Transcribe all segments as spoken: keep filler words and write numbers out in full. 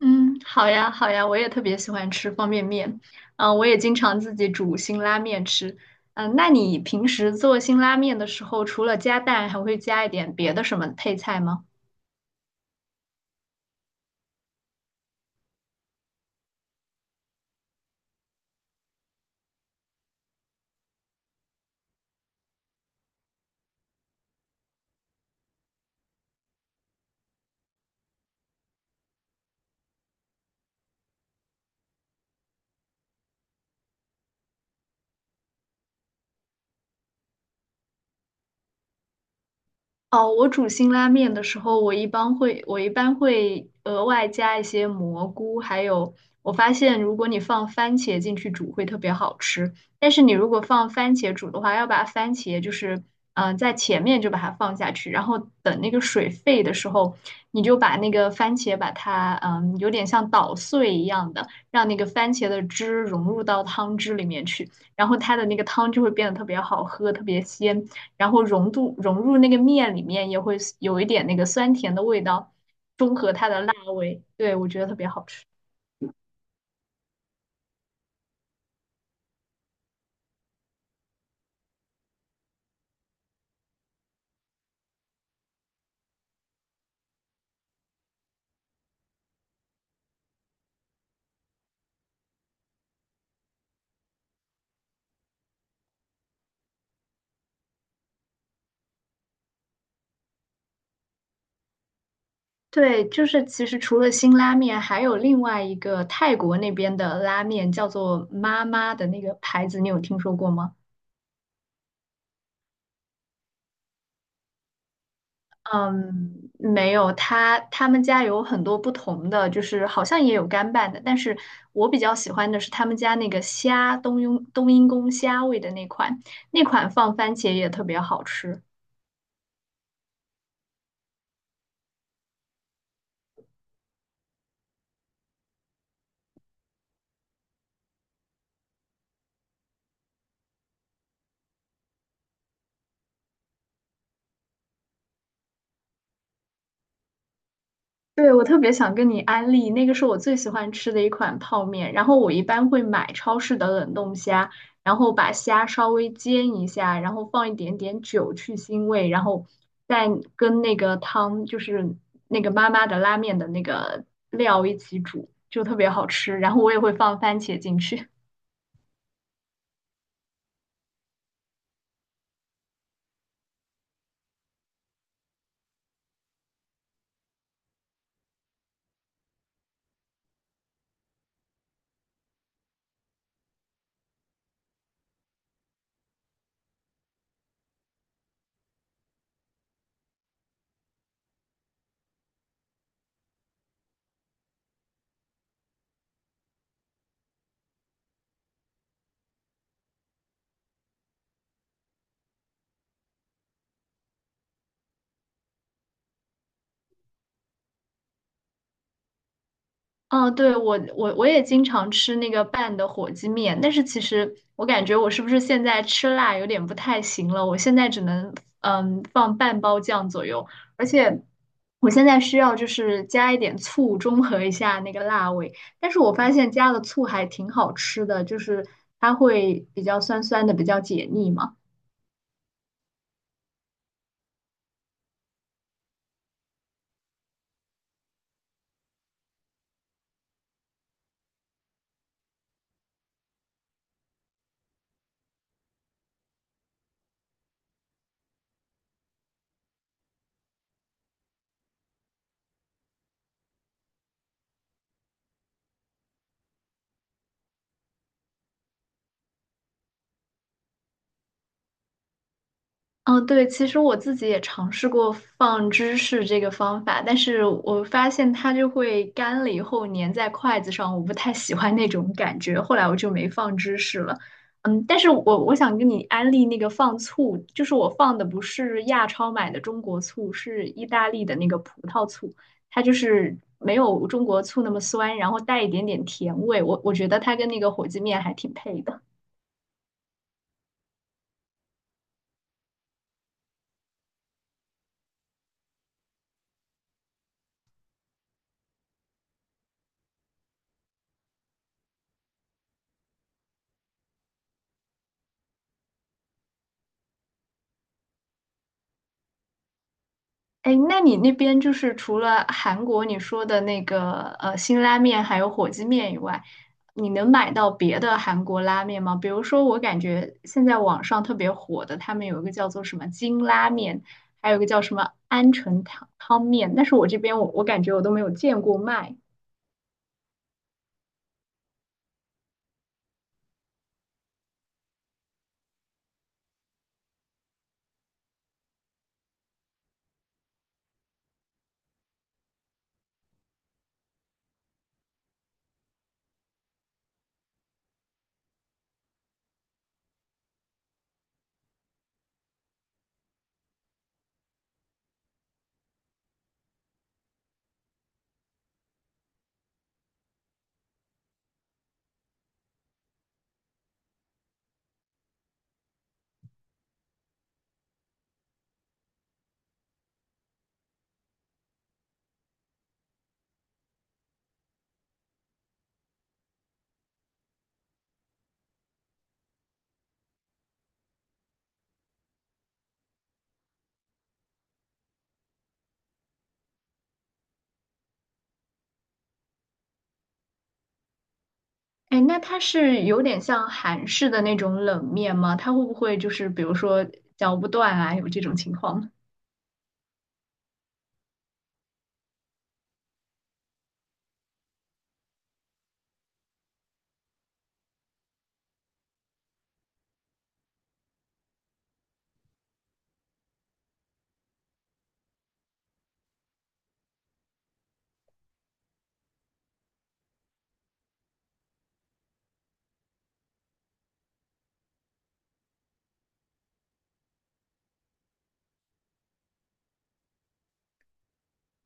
嗯，好呀，好呀，我也特别喜欢吃方便面，嗯、我也经常自己煮辛拉面吃。嗯、那你平时做辛拉面的时候，除了加蛋，还会加一点别的什么配菜吗？哦，我煮辛拉面的时候，我一般会，我一般会额外加一些蘑菇，还有我发现，如果你放番茄进去煮会特别好吃。但是你如果放番茄煮的话，要把番茄就是，嗯、呃在前面就把它放下去，然后等那个水沸的时候，你就把那个番茄把它，嗯，有点像捣碎一样的，让那个番茄的汁融入到汤汁里面去，然后它的那个汤就会变得特别好喝，特别鲜。然后融度融入那个面里面，也会有一点那个酸甜的味道，中和它的辣味。对，我觉得特别好吃。对，就是其实除了辛拉面，还有另外一个泰国那边的拉面，叫做妈妈的那个牌子，你有听说过吗？嗯，没有，他他们家有很多不同的，就是好像也有干拌的，但是我比较喜欢的是他们家那个虾冬阴冬阴功虾味的那款，那款放番茄也特别好吃。对，我特别想跟你安利，那个是我最喜欢吃的一款泡面。然后我一般会买超市的冷冻虾，然后把虾稍微煎一下，然后放一点点酒去腥味，然后再跟那个汤，就是那个妈妈的拉面的那个料一起煮，就特别好吃。然后我也会放番茄进去。哦，对，我我我也经常吃那个拌的火鸡面，但是其实我感觉我是不是现在吃辣有点不太行了？我现在只能嗯放半包酱左右，而且我现在需要就是加一点醋中和一下那个辣味，但是我发现加了醋还挺好吃的，就是它会比较酸酸的，比较解腻嘛。嗯，对，其实我自己也尝试过放芝士这个方法，但是我发现它就会干了以后粘在筷子上，我不太喜欢那种感觉，后来我就没放芝士了。嗯，但是我我想跟你安利那个放醋，就是我放的不是亚超买的中国醋，是意大利的那个葡萄醋，它就是没有中国醋那么酸，然后带一点点甜味，我我觉得它跟那个火鸡面还挺配的。哎，那你那边就是除了韩国你说的那个呃辛拉面还有火鸡面以外，你能买到别的韩国拉面吗？比如说，我感觉现在网上特别火的，他们有一个叫做什么金拉面，还有一个叫什么鹌鹑汤汤面，但是我这边我我感觉我都没有见过卖。哎，那它是有点像韩式的那种冷面吗？它会不会就是比如说嚼不断啊，有这种情况？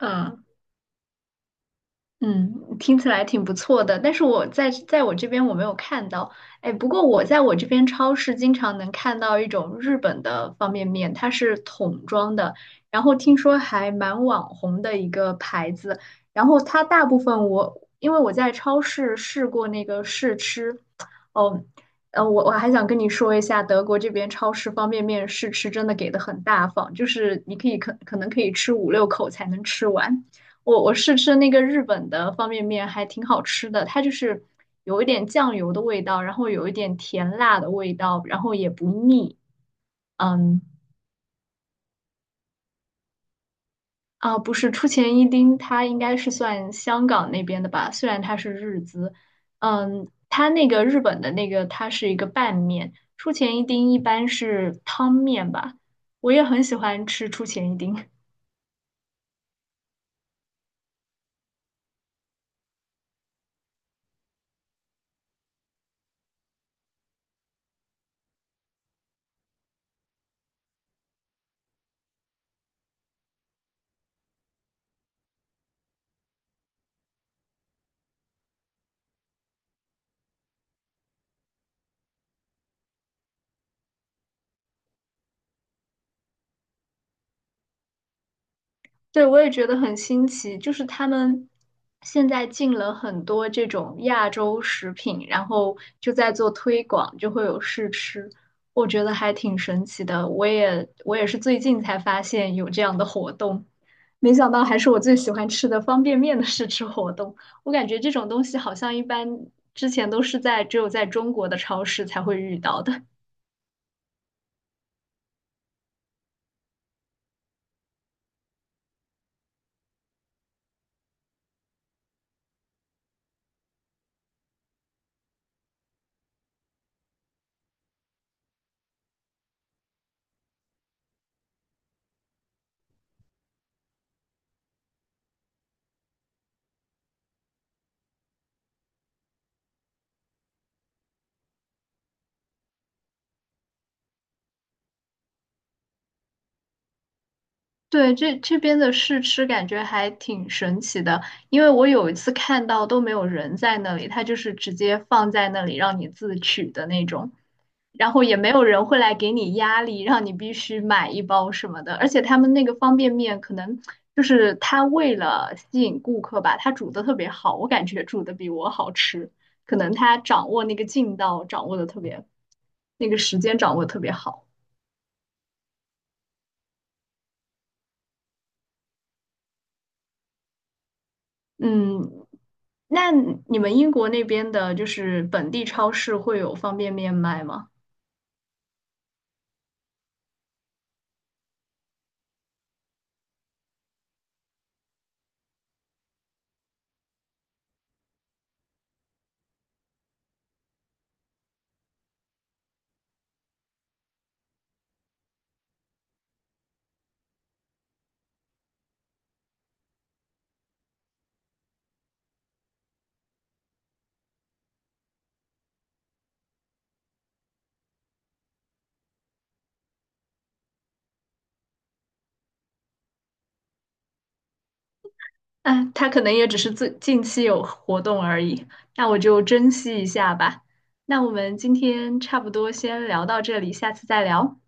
嗯。嗯，听起来挺不错的，但是我在在我这边我没有看到。哎，不过我在我这边超市经常能看到一种日本的方便面，它是桶装的，然后听说还蛮网红的一个牌子。然后它大部分我因为我在超市试过那个试吃，哦，呃，我我还想跟你说一下，德国这边超市方便面试吃真的给的很大方，就是你可以可可能可以吃五六口才能吃完。我我试吃那个日本的方便面还挺好吃的，它就是有一点酱油的味道，然后有一点甜辣的味道，然后也不腻。嗯啊，不是出前一丁，它应该是算香港那边的吧，虽然它是日资。嗯，它那个日本的那个它是一个拌面，出前一丁一般是汤面吧，我也很喜欢吃出前一丁。对，我也觉得很新奇，就是他们现在进了很多这种亚洲食品，然后就在做推广，就会有试吃，我觉得还挺神奇的。我也我也是最近才发现有这样的活动，没想到还是我最喜欢吃的方便面的试吃活动。我感觉这种东西好像一般之前都是在只有在中国的超市才会遇到的。对，这这边的试吃感觉还挺神奇的，因为我有一次看到都没有人在那里，他就是直接放在那里让你自取的那种，然后也没有人会来给你压力，让你必须买一包什么的。而且他们那个方便面可能就是他为了吸引顾客吧，他煮的特别好，我感觉煮的比我好吃，可能他掌握那个劲道掌握的特别，那个时间掌握得特别好。嗯，那你们英国那边的，就是本地超市会有方便面卖吗？哎，它可能也只是最近期有活动而已，那我就珍惜一下吧。那我们今天差不多先聊到这里，下次再聊。